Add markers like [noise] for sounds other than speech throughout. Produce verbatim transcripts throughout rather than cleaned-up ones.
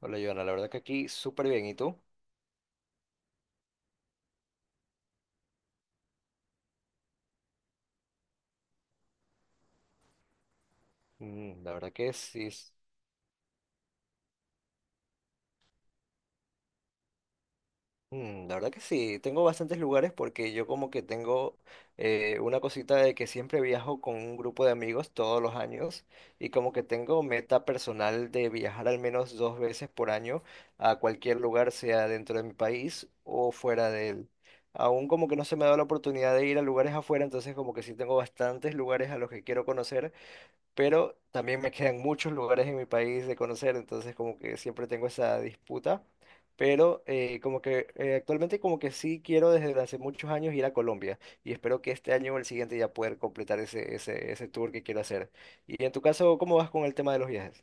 Hola, Joana, la verdad que aquí súper bien. ¿Y tú? Mm, la verdad que sí. Es- mm, la verdad que sí. Tengo bastantes lugares porque yo como que tengo eh, una cosita de que siempre viajo con un grupo de amigos todos los años y como que tengo meta personal de viajar al menos dos veces por año a cualquier lugar, sea dentro de mi país o fuera de él. Aún como que no se me ha dado la oportunidad de ir a lugares afuera, entonces como que sí tengo bastantes lugares a los que quiero conocer. Pero también me quedan muchos lugares en mi país de conocer, entonces como que siempre tengo esa disputa, pero eh, como que eh, actualmente como que sí quiero desde hace muchos años ir a Colombia y espero que este año o el siguiente ya poder completar ese, ese, ese tour que quiero hacer. Y en tu caso, ¿cómo vas con el tema de los viajes?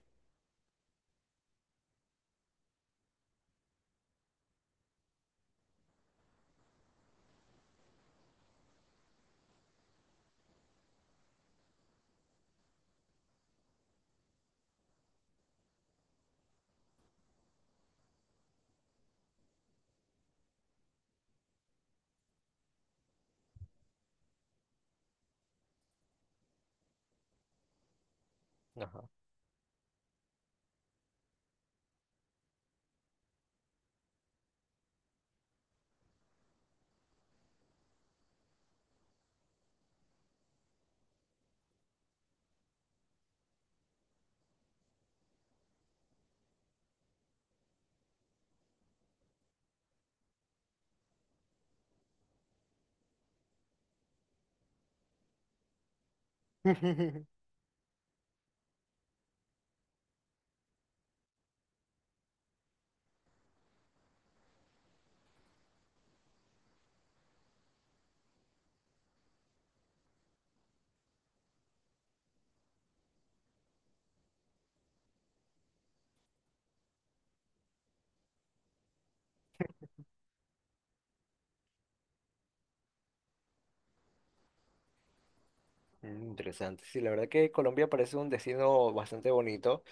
Ajá. [laughs] Mm, interesante. Sí, la verdad que Colombia parece un destino bastante bonito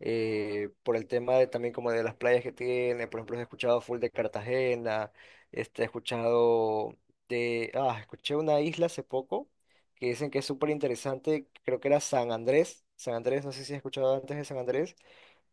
eh, por el tema de, también como de las playas que tiene. Por ejemplo, he escuchado full de Cartagena, este, he escuchado de, ah, escuché una isla hace poco que dicen que es súper interesante. Creo que era San Andrés. San Andrés, no sé si has escuchado antes de San Andrés,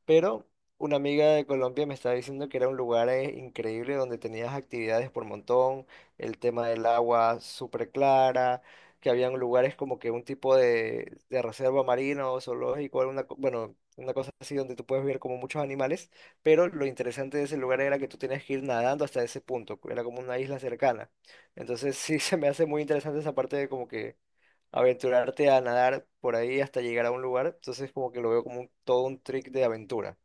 pero una amiga de Colombia me estaba diciendo que era un lugar eh, increíble donde tenías actividades por montón, el tema del agua súper clara, que habían lugares como que un tipo de, de reserva marina o zoológico, alguna co- bueno, una cosa así donde tú puedes ver como muchos animales, pero lo interesante de ese lugar era que tú tenías que ir nadando hasta ese punto, era como una isla cercana. Entonces sí [laughs] se me hace muy interesante esa parte de como que aventurarte a nadar por ahí hasta llegar a un lugar, entonces como que lo veo como un- todo un trick de aventura.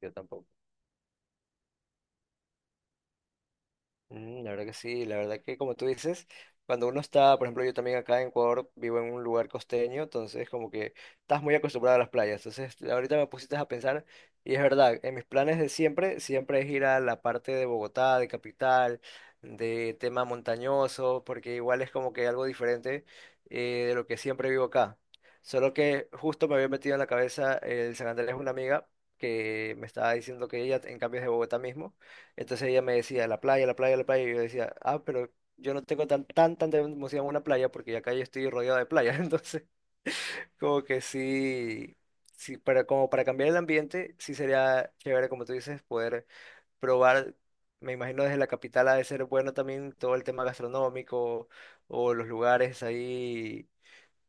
Yo tampoco. Mm, la verdad que sí, la verdad que como tú dices, cuando uno está, por ejemplo, yo también acá en Ecuador vivo en un lugar costeño, entonces como que estás muy acostumbrado a las playas. Entonces ahorita me pusiste a pensar y es verdad, en mis planes de siempre, siempre es ir a la parte de Bogotá, de capital, de tema montañoso, porque igual es como que algo diferente eh, de lo que siempre vivo acá. Solo que justo me había metido en la cabeza el San Andrés, una amiga que me estaba diciendo que ella en cambio es de Bogotá mismo. Entonces ella me decía, la playa, la playa, la playa. Y yo decía, ah, pero yo no tengo tan, tan, tanta emoción a una playa porque acá yo estoy rodeado de playas. [laughs] Entonces, como que sí, sí, para, como para cambiar el ambiente, sí sería chévere, como tú dices, poder probar. Me imagino desde la capital ha de ser bueno también todo el tema gastronómico o los lugares ahí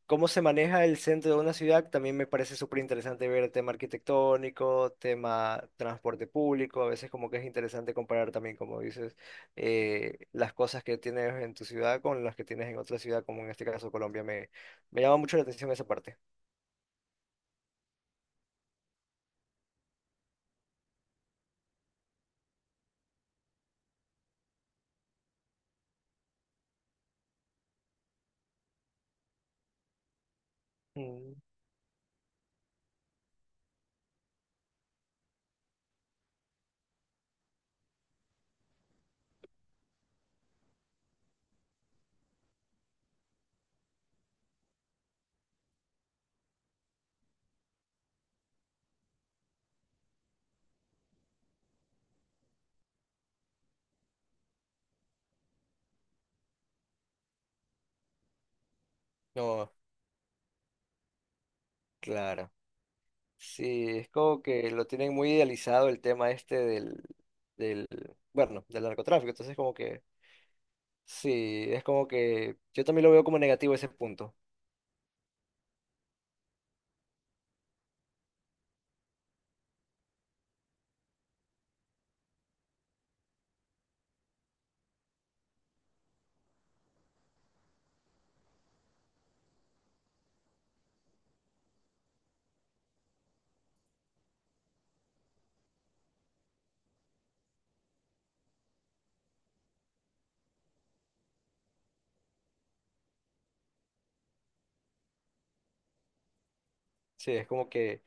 cómo se maneja el centro de una ciudad, también me parece súper interesante ver el tema arquitectónico, tema transporte público, a veces como que es interesante comparar también, como dices, eh, las cosas que tienes en tu ciudad con las que tienes en otra ciudad, como en este caso Colombia, me, me llama mucho la atención esa parte. Mm, no, claro. Sí, es como que lo tienen muy idealizado el tema este del, del, bueno, del narcotráfico, entonces como que, sí, es como que yo también lo veo como negativo ese punto. Sí, es como que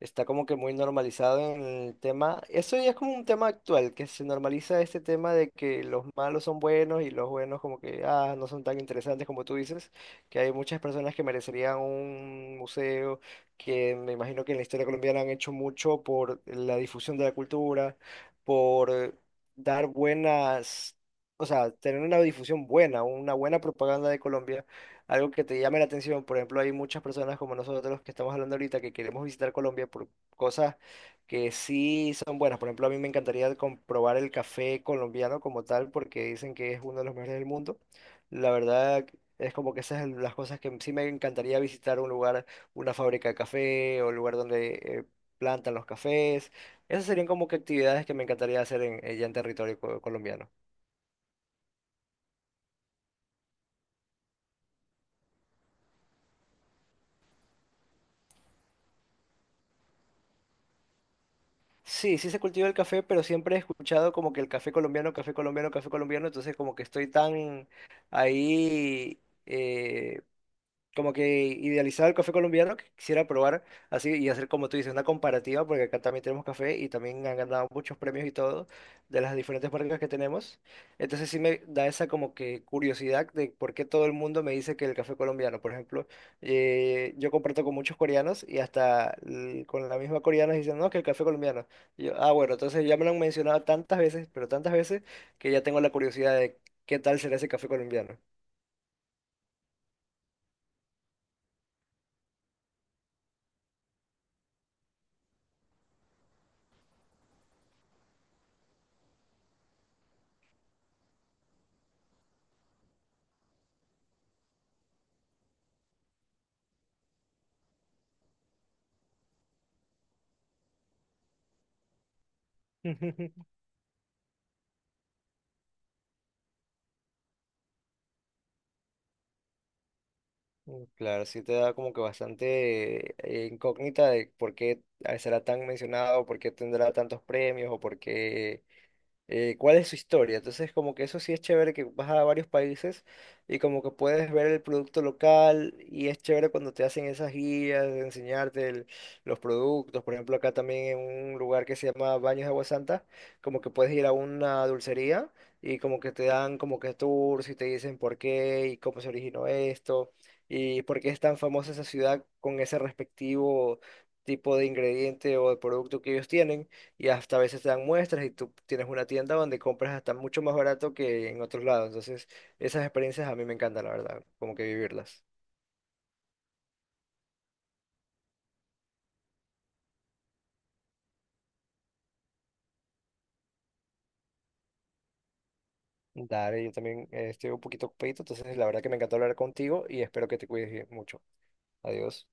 está como que muy normalizado en el tema. Eso ya es como un tema actual, que se normaliza este tema de que los malos son buenos y los buenos como que ah, no son tan interesantes como tú dices, que hay muchas personas que merecerían un museo, que me imagino que en la historia colombiana han hecho mucho por la difusión de la cultura, por eh, dar buenas, o sea, tener una difusión buena, una buena propaganda de Colombia algo que te llame la atención. Por ejemplo, hay muchas personas como nosotros que estamos hablando ahorita que queremos visitar Colombia por cosas que sí son buenas. Por ejemplo, a mí me encantaría comprobar el café colombiano como tal porque dicen que es uno de los mejores del mundo. La verdad es como que esas son las cosas que sí me encantaría visitar un lugar, una fábrica de café o un lugar donde eh, plantan los cafés. Esas serían como que actividades que me encantaría hacer en, eh, ya en territorio co- colombiano. Sí, sí se cultiva el café, pero siempre he escuchado como que el café colombiano, café colombiano, café colombiano, entonces como que estoy tan ahí, eh, como que idealizaba el café colombiano, que quisiera probar así y hacer como tú dices, una comparativa, porque acá también tenemos café y también han ganado muchos premios y todo de las diferentes marcas que tenemos. Entonces sí me da esa como que curiosidad de por qué todo el mundo me dice que el café colombiano, por ejemplo, eh, yo comparto con muchos coreanos y hasta l- con la misma coreana dicen, no, que el café colombiano. Y yo, ah, bueno, entonces ya me lo han mencionado tantas veces, pero tantas veces que ya tengo la curiosidad de qué tal será ese café colombiano. [laughs] Mm, claro, sí te da como que bastante eh, incógnita de por qué eh, será tan mencionado, por qué tendrá tantos premios o por qué eh, cuál es su historia. Entonces, como que eso sí es chévere que vas a varios países y como que puedes ver el producto local y es chévere cuando te hacen esas guías de enseñarte el- los productos. Por ejemplo, acá también en un lugar que se llama Baños de Agua Santa, como que puedes ir a una dulcería y como que te dan como que tours y te dicen por qué y cómo se originó esto y por qué es tan famosa esa ciudad con ese respectivo tipo de ingrediente o de producto que ellos tienen y hasta a veces te dan muestras y tú tienes una tienda donde compras hasta mucho más barato que en otros lados. Entonces, esas experiencias a mí me encantan, la verdad, como que vivirlas. Dale, yo también eh, estoy un poquito ocupadito, entonces la verdad que me encantó hablar contigo y espero que te cuides bien mucho. Adiós.